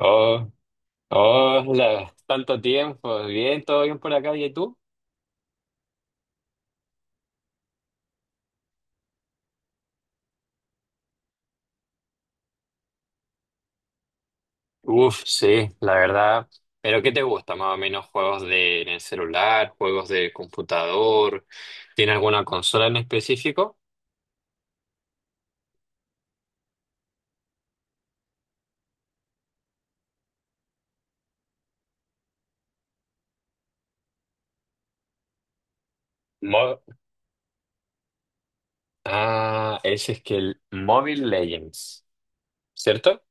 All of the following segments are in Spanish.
Oh, oh, tanto tiempo. Bien, todo bien por acá. ¿Y tú? Uf, sí, la verdad. ¿Pero qué te gusta más o menos? ¿Juegos de en el celular? ¿Juegos de computador? ¿Tiene alguna consola en específico? Mo- ah, ese es que el Mobile Legends, ¿cierto?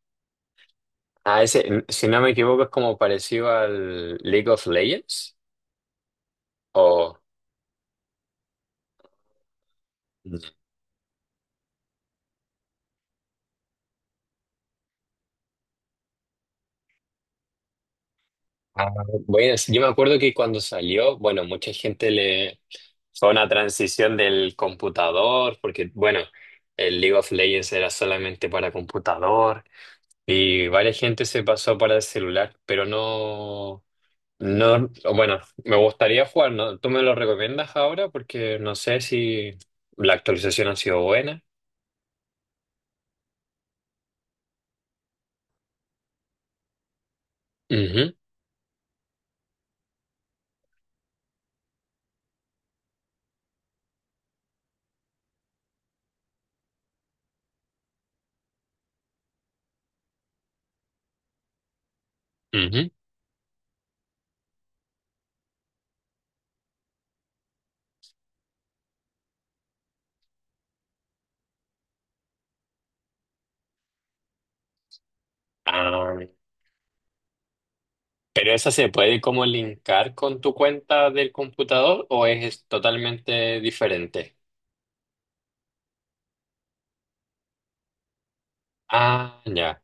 Ah, ese, si no me equivoco, es como parecido al League of Legends. O. Ah, bueno, sí, yo me acuerdo que cuando salió, bueno, mucha gente le fue una transición del computador, porque bueno, el League of Legends era solamente para computador y varias gente se pasó para el celular, pero no, no, bueno, me gustaría jugar, ¿no? ¿Tú me lo recomiendas ahora? Porque no sé si la actualización ha sido buena. Ujú, ujú. Ah, ¿pero esa se puede como linkar con tu cuenta del computador o es totalmente diferente? Ah, ya.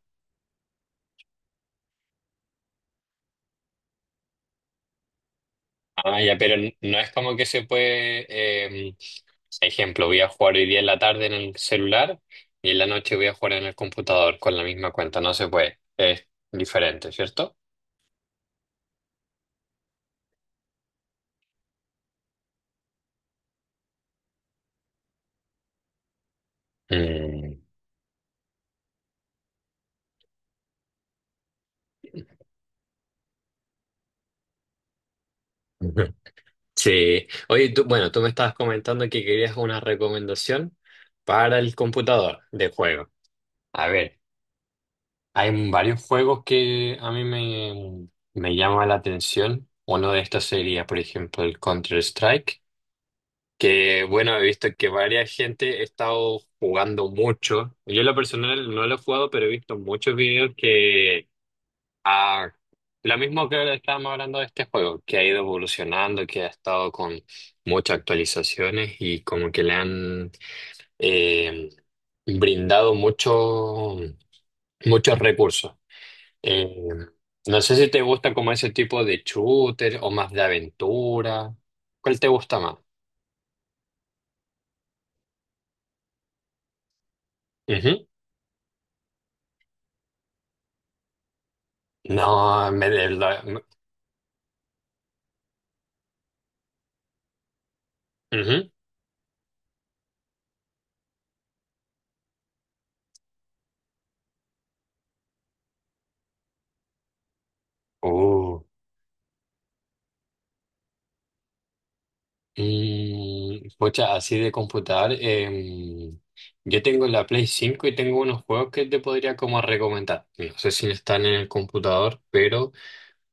Ah, ya, pero no es como que se puede, eh, ejemplo, voy a jugar hoy día en la tarde en el celular y en la noche voy a jugar en el computador con la misma cuenta. No se puede. Es diferente, ¿cierto? Mm. Ujú. Sí. Oye, tú, bueno, tú me estabas comentando que querías una recomendación para el computador de juego. A ver. Hay varios juegos que a mí me llama la atención. Uno de estos sería, por ejemplo, el Counter-Strike, que bueno, he visto que varias gente ha estado jugando mucho. Yo en lo personal no lo he jugado, pero he visto muchos videos que... Ah, lo mismo que estábamos hablando de este juego, que ha ido evolucionando, que ha estado con muchas actualizaciones y como que le han eh, brindado mucho, muchos recursos. Eh, no sé si te gusta como ese tipo de shooter o más de aventura. ¿Cuál te gusta más? Ujú. No, me de la- me- ujú. Uh. Mm, pucha, así de computador. Yo tengo la Play 5 y tengo unos juegos que te podría como recomendar. No sé si están en el computador, pero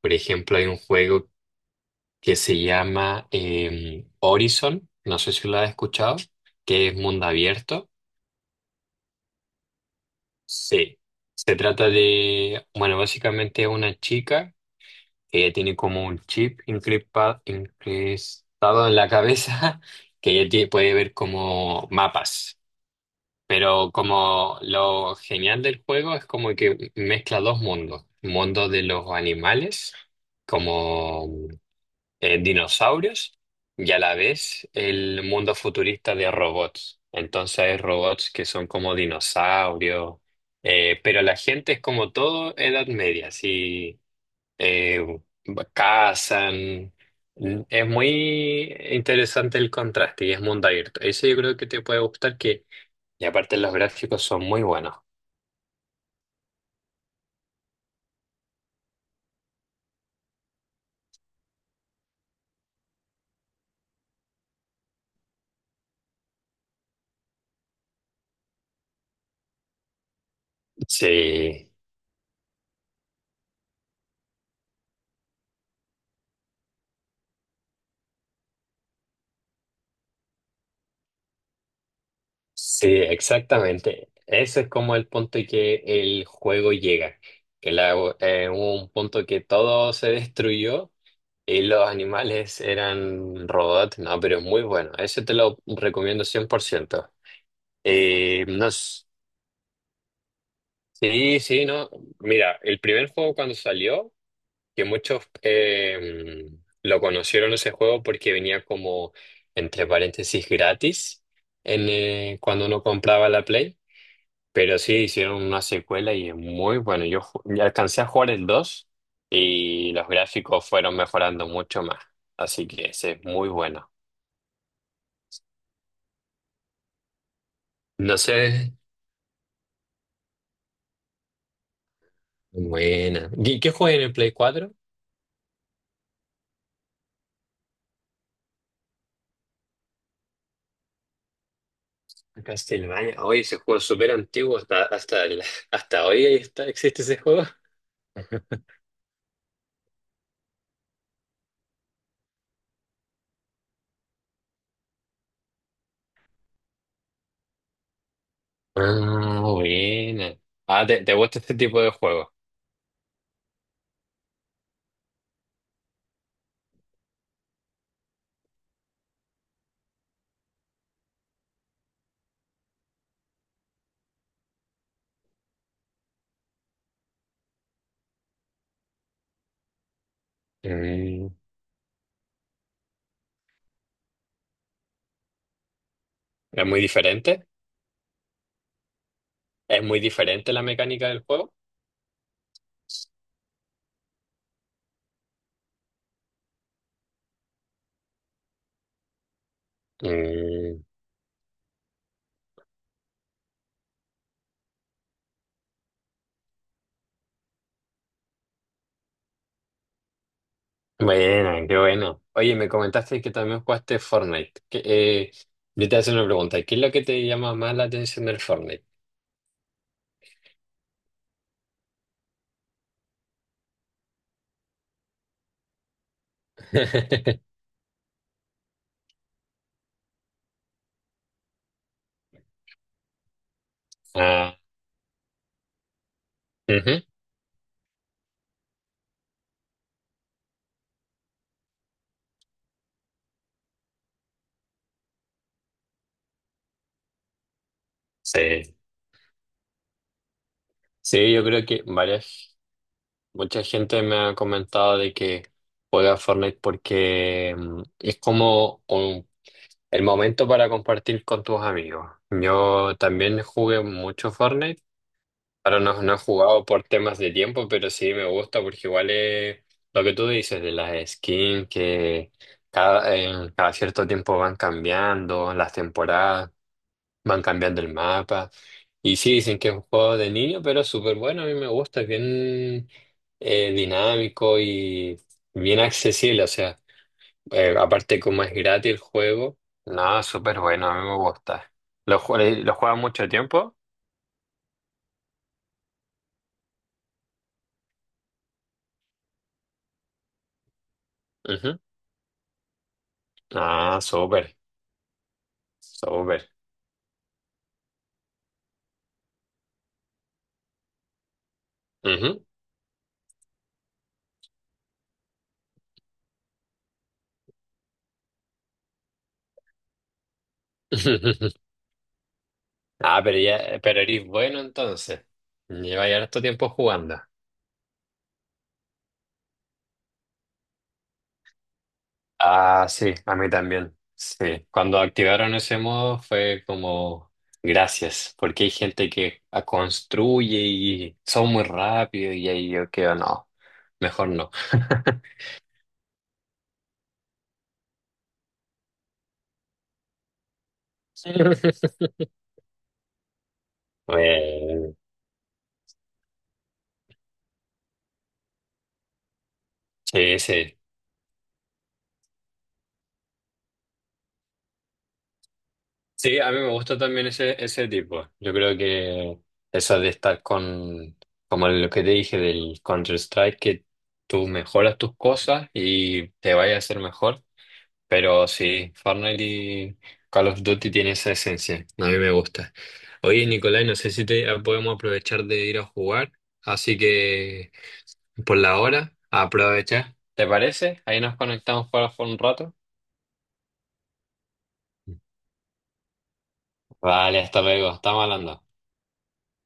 por ejemplo hay un juego que se llama Horizon. No sé si lo has escuchado, que es mundo abierto. Sí, se trata de, bueno, básicamente una chica que ella tiene como un chip incrustado en la cabeza que ella puede ver como mapas. Pero como lo genial del juego es como que mezcla dos mundos, mundo de los animales, como dinosaurios y a la vez el mundo futurista de robots. Entonces hay robots que son como dinosaurios, pero la gente es como todo Edad Media, así eh, cazan. Es muy interesante el contraste y es mundo abierto. Eso yo creo que te puede gustar que, y aparte los gráficos son muy buenos. Sí. Sí, exactamente. Ese es como el punto en que el juego llega. Que la, hubo un punto que todo se destruyó y los animales eran robots. No, pero es muy bueno. Ese te lo recomiendo 100%. No, sí, sí, no. Mira, el primer juego cuando salió, que muchos lo conocieron ese juego porque venía como, entre paréntesis, gratis en, cuando uno compraba la Play. Pero sí, hicieron una secuela y es muy bueno. Yo ya alcancé a jugar el 2 y los gráficos fueron mejorando mucho más. Así que ese es muy bueno. No sé. Buena. ¿Y qué juega en el Play 4? Castlevania. Oye, ese juego es súper antiguo. Hasta hoy ahí está, existe ese juego. Ah, buena. Ah, ¿te gusta este tipo de juego? Mm. ¿Es muy diferente? ¿Es muy diferente la mecánica del juego? Mm. Bueno, qué bueno. Oye, me comentaste que también jugaste Fortnite. Que, yo te hago una pregunta. ¿Qué es lo que te llama más la atención del Fortnite? Ah, ujú. Sí. Sí, yo creo que varias, mucha gente me ha comentado de que juega Fortnite porque es como el momento para compartir con tus amigos. Yo también jugué mucho Fortnite. Claro, no, no he jugado por temas de tiempo, pero sí me gusta porque igual es lo que tú dices de las skins que cada, cada cierto tiempo van cambiando, las temporadas, van cambiando el mapa. Y sí, dicen que es un juego de niño, pero es súper bueno, a mí me gusta, es bien dinámico y bien accesible. O sea, aparte como es gratis el juego, no, súper bueno, a mí me gusta. ¿Lo juegas mucho tiempo? Ujú. Ah, súper. Súper. Ujú. Ah, pero ya, pero eres bueno entonces. Lleva ya harto tiempo jugando. Ah, sí, a mí también. Sí, cuando activaron ese modo fue como gracias, porque hay gente que construye y son muy rápido y ahí yo quedo, no, mejor no. Bueno, sí, sí. Sí, a mí me gusta también ese tipo. Yo creo que eso de estar con, como lo que te dije del Counter-Strike, que tú mejoras tus cosas y te vaya a hacer mejor. Pero sí, Fortnite y Call of Duty tiene esa esencia. A mí me gusta. Oye, Nicolai, no sé si te podemos aprovechar de ir a jugar. Así que por la hora, aprovecha. ¿Te parece? Ahí nos conectamos para jugar un rato. Vale, hasta luego. Estamos hablando.